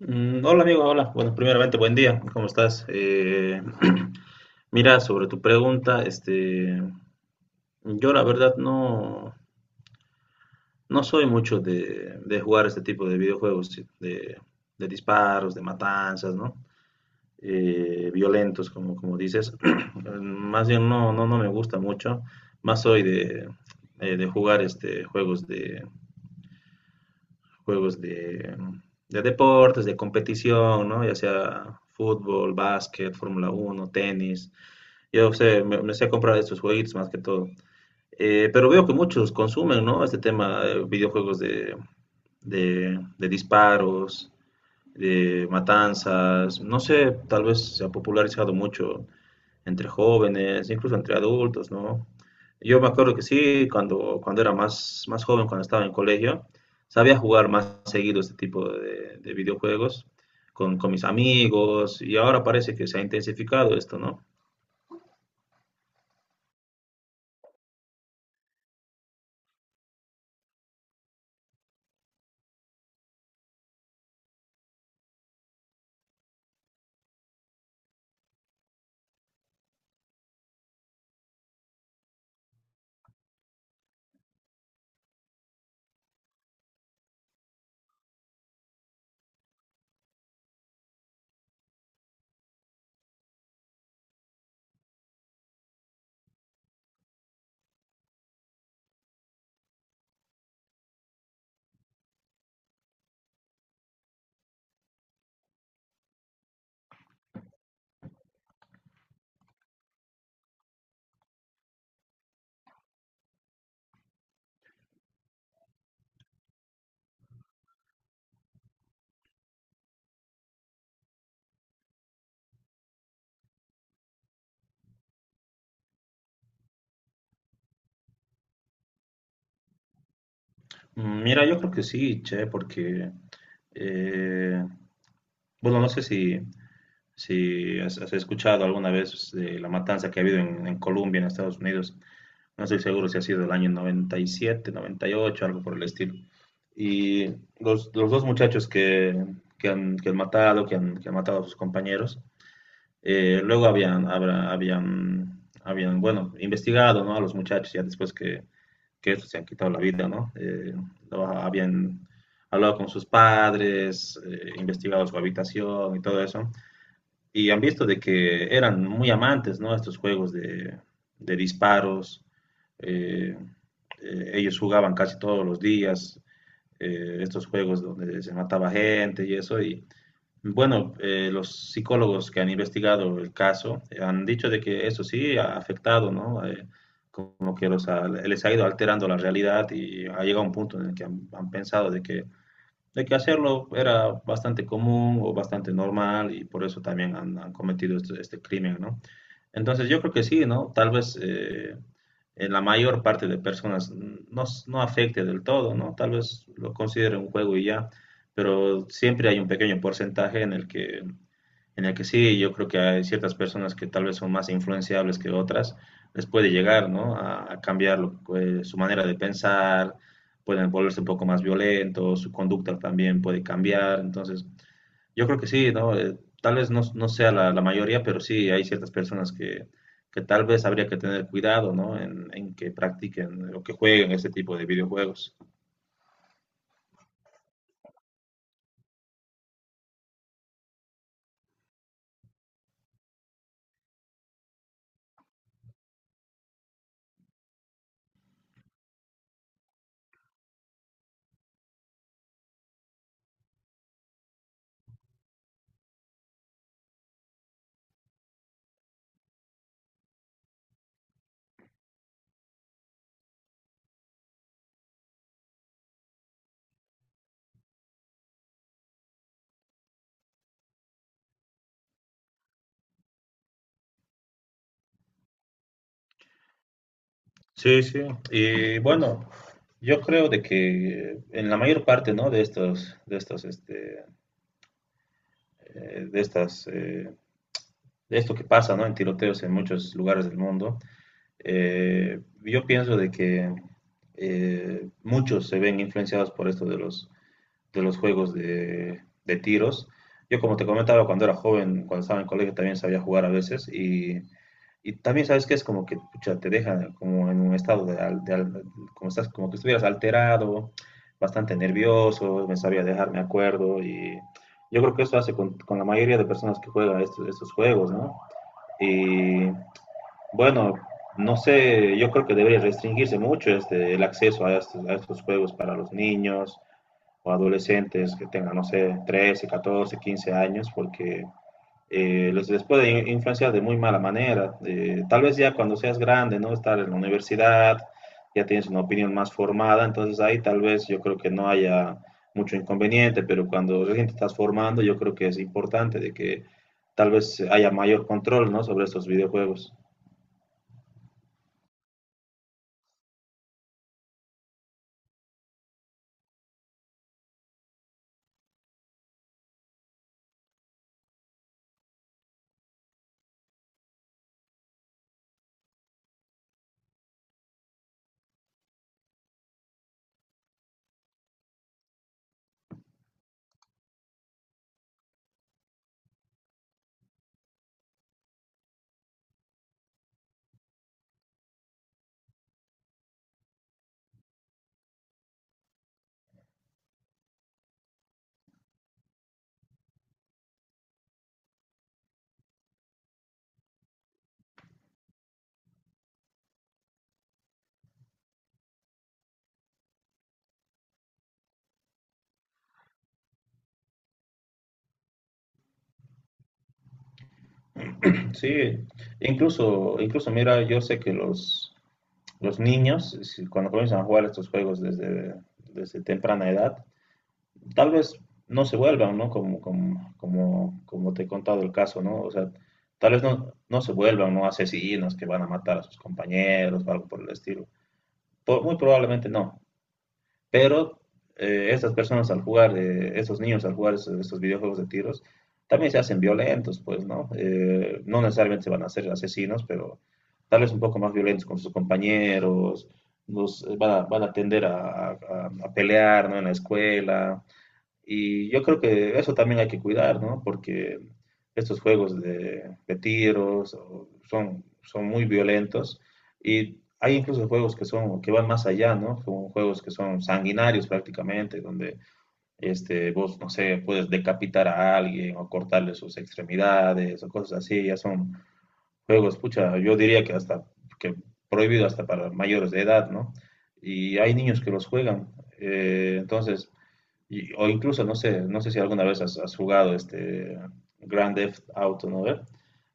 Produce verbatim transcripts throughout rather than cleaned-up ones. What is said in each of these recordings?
Mm, Hola amigo, hola. Bueno, primeramente buen día. ¿Cómo estás? Eh, mira, sobre tu pregunta, este, yo la verdad no, no soy mucho de, de jugar este tipo de videojuegos sí, de, de disparos, de matanzas, ¿no? Eh, violentos, como, como dices. Más bien no, no, no me gusta mucho. Más soy de, eh, de jugar este juegos juegos de, de deportes, de competición, ¿no? Ya sea fútbol, básquet, Fórmula uno tenis. Yo sé, me, me sé comprar estos jueguitos más que todo. Eh, pero veo que muchos consumen, ¿no? Este tema, eh, videojuegos de, de, de disparos, de matanzas. No sé, tal vez se ha popularizado mucho entre jóvenes, incluso entre adultos, ¿no? Yo me acuerdo que sí, cuando, cuando era más, más joven, cuando estaba en colegio, sabía jugar más seguido este tipo de, de videojuegos con, con mis amigos y ahora parece que se ha intensificado esto, ¿no? Mm, Mira, yo creo que sí, che, porque, eh, bueno, no sé si, si has, has escuchado alguna vez de la matanza que ha habido en, en Colombia, en Estados Unidos. No estoy seguro si ha sido el año noventa noventa y siete noventa y ocho algo por el estilo. Y los, los dos muchachos que, que, han, que han matado, que han, que han matado a sus compañeros, eh, luego habían, habrá- habían, habían, bueno, investigado, ¿no?, a los muchachos ya después que, que estos se han quitado la vida, ¿no? Eh, lo- habían hablado con sus padres, eh, investigado su habitación y todo eso y han visto de que eran muy amantes, ¿no? Estos juegos de, de disparos. eh, eh, Ellos jugaban casi todos los días, eh, estos juegos donde se mataba gente y eso. Y bueno, eh, los psicólogos que han investigado el caso, eh, han dicho de que eso sí ha afectado, ¿no? Eh, como que los ha- les ha ido alterando la realidad y ha llegado un punto en el que han, han pensado de que de que hacerlo era bastante común o bastante normal y por eso también han, han cometido este, este crimen, ¿no? Entonces yo creo que sí, ¿no? Tal vez eh, en la mayor parte de personas no, s- no afecte del todo, ¿no? Tal vez lo consideren un juego y ya, pero siempre hay un pequeño porcentaje en el que en el que sí, yo creo que hay ciertas personas que tal vez son más influenciables que otras, les puede llegar, ¿no?, A, a cambiar lo que- su manera de pensar, pueden volverse un poco más violentos, su conducta también puede cambiar. Entonces, yo creo que sí, ¿no? Eh, tal vez no, no sea la, la mayoría, pero sí hay ciertas personas que, que tal vez habría que tener cuidado, ¿no? En, en que practiquen o que jueguen ese tipo de videojuegos. Sí, sí. Y bueno, yo creo de que en la mayor parte, ¿no?, De estos, de estos, este, eh, de estas, eh, de esto que pasa, ¿no?, en tiroteos en muchos lugares del mundo. Eh, yo pienso de que eh, muchos se ven influenciados por esto de los, de los juegos de, de tiros. Yo, como te comentaba, cuando era joven, cuando estaba en el colegio, también sabía jugar a veces. Y Y también sabes que es como que pucha, te deja como en un estado de, al- de al- como estás, como que estuvieras alterado, bastante nervioso, me sabía dejar, me acuerdo, y yo creo que eso hace con, con la mayoría de personas que juegan estos, estos juegos, ¿no? Y bueno, no sé, yo creo que debería restringirse mucho este, el acceso a estos, a estos juegos para los niños o adolescentes que tengan, no sé, trece catorce quince años, porque eh, les, les, puede influenciar de muy mala manera. Eh, tal vez ya cuando seas grande, ¿no?, estar en la universidad, ya tienes una opinión más formada, entonces ahí tal vez yo creo que no haya mucho inconveniente, pero cuando recién te estás formando, yo creo que es importante de que tal vez haya mayor control, ¿no?, sobre estos videojuegos. Sí, incluso, incluso mira, yo sé que los, los niños, si- cuando comienzan a jugar estos juegos desde, desde temprana edad, tal vez no se vuelvan, ¿no?, Como, como, como, como te he contado el caso, ¿no? O sea, tal vez no, no se vuelvan, ¿no?, asesinos que van a matar a sus compañeros o algo por el estilo. Po- muy probablemente no. Pero eh, estas personas al jugar, eh, estos niños al jugar es- estos videojuegos de tiros, también se hacen violentos, pues, ¿no? Eh, no necesariamente se van a ser asesinos, pero tal vez un poco más violentos con sus compañeros, los, eh, van a, van a tender a, a- a- a pelear, ¿no?, en la escuela, y yo creo que eso también hay que cuidar, ¿no? Porque estos juegos de, de tiros o- son, son, muy violentos, y hay incluso juegos que son que van más allá, ¿no? Son juegos que son sanguinarios prácticamente, donde este vos no sé, puedes decapitar a alguien o cortarle sus extremidades o cosas así, ya son juegos, pucha, yo diría que hasta que prohibido hasta para mayores de edad, ¿no? Y hay niños que los juegan. Eh, entonces, y- o incluso, no sé, no sé si alguna vez has, has jugado este Grand Theft Auto, ¿no?, ¿ve?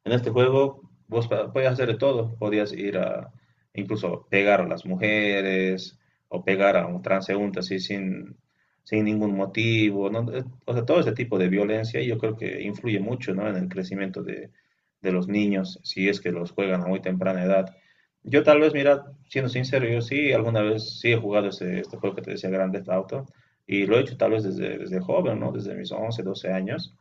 En este juego vos pa- podías hacer de todo, podías ir a incluso pegar a las mujeres o pegar a un transeúnte así sin, sin ningún motivo, ¿no? Eh, O sea, todo ese tipo de violencia yo creo que influye mucho, ¿no?, en el crecimiento de, de los niños, si es que los juegan a muy temprana edad. Yo tal vez, mira, siendo sincero, yo sí alguna vez sí he jugado ese, este juego que te decía Grand Theft Auto, y lo he hecho tal vez desde, desde joven, ¿no? Desde mis once doce años.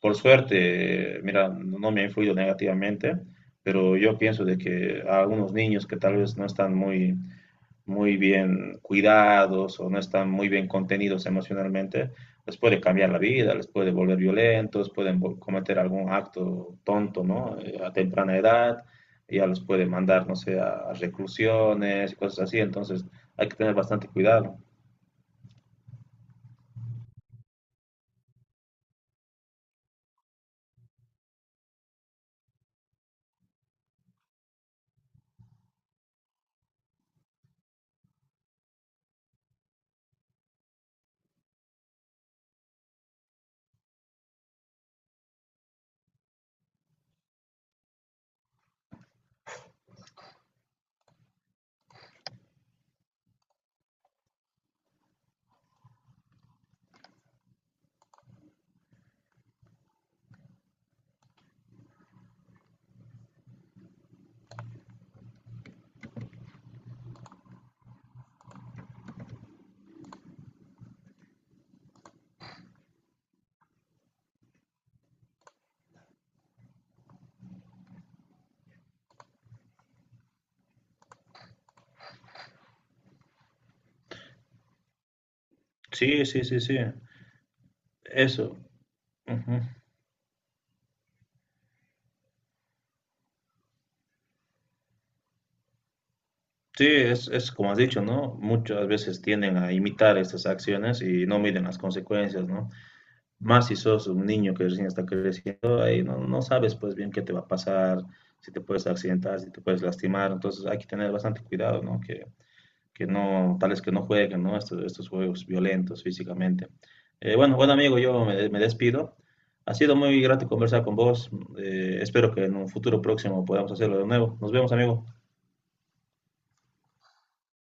Por suerte, mira, no no me ha influido negativamente, pero yo pienso de que a algunos niños que tal vez no están muy, muy bien cuidados o no están muy bien contenidos emocionalmente, les puede cambiar la vida, les puede volver violentos, pueden vol- cometer algún acto tonto, ¿no? Eh, a temprana edad, ya los puede mandar, no sé, a a reclusiones y cosas así, entonces hay que tener bastante cuidado. Sí, sí, sí, sí. Eso. Ujú. Sí, es, es como has dicho, ¿no? Muchas veces tienden a imitar estas acciones y no miden las consecuencias, ¿no? Más si sos un niño que recién está creciendo, ahí no, no sabes pues bien qué te va a pasar, si te puedes accidentar, si te puedes lastimar, entonces hay que tener bastante cuidado, ¿no? Que, que No, tales que no jueguen, ¿no?, Estos, estos juegos violentos físicamente. Eh, bueno, bueno amigo, yo me, me despido. Ha sido muy grato conversar con vos. Eh, espero que en un futuro próximo podamos hacerlo de nuevo. Nos vemos, amigo.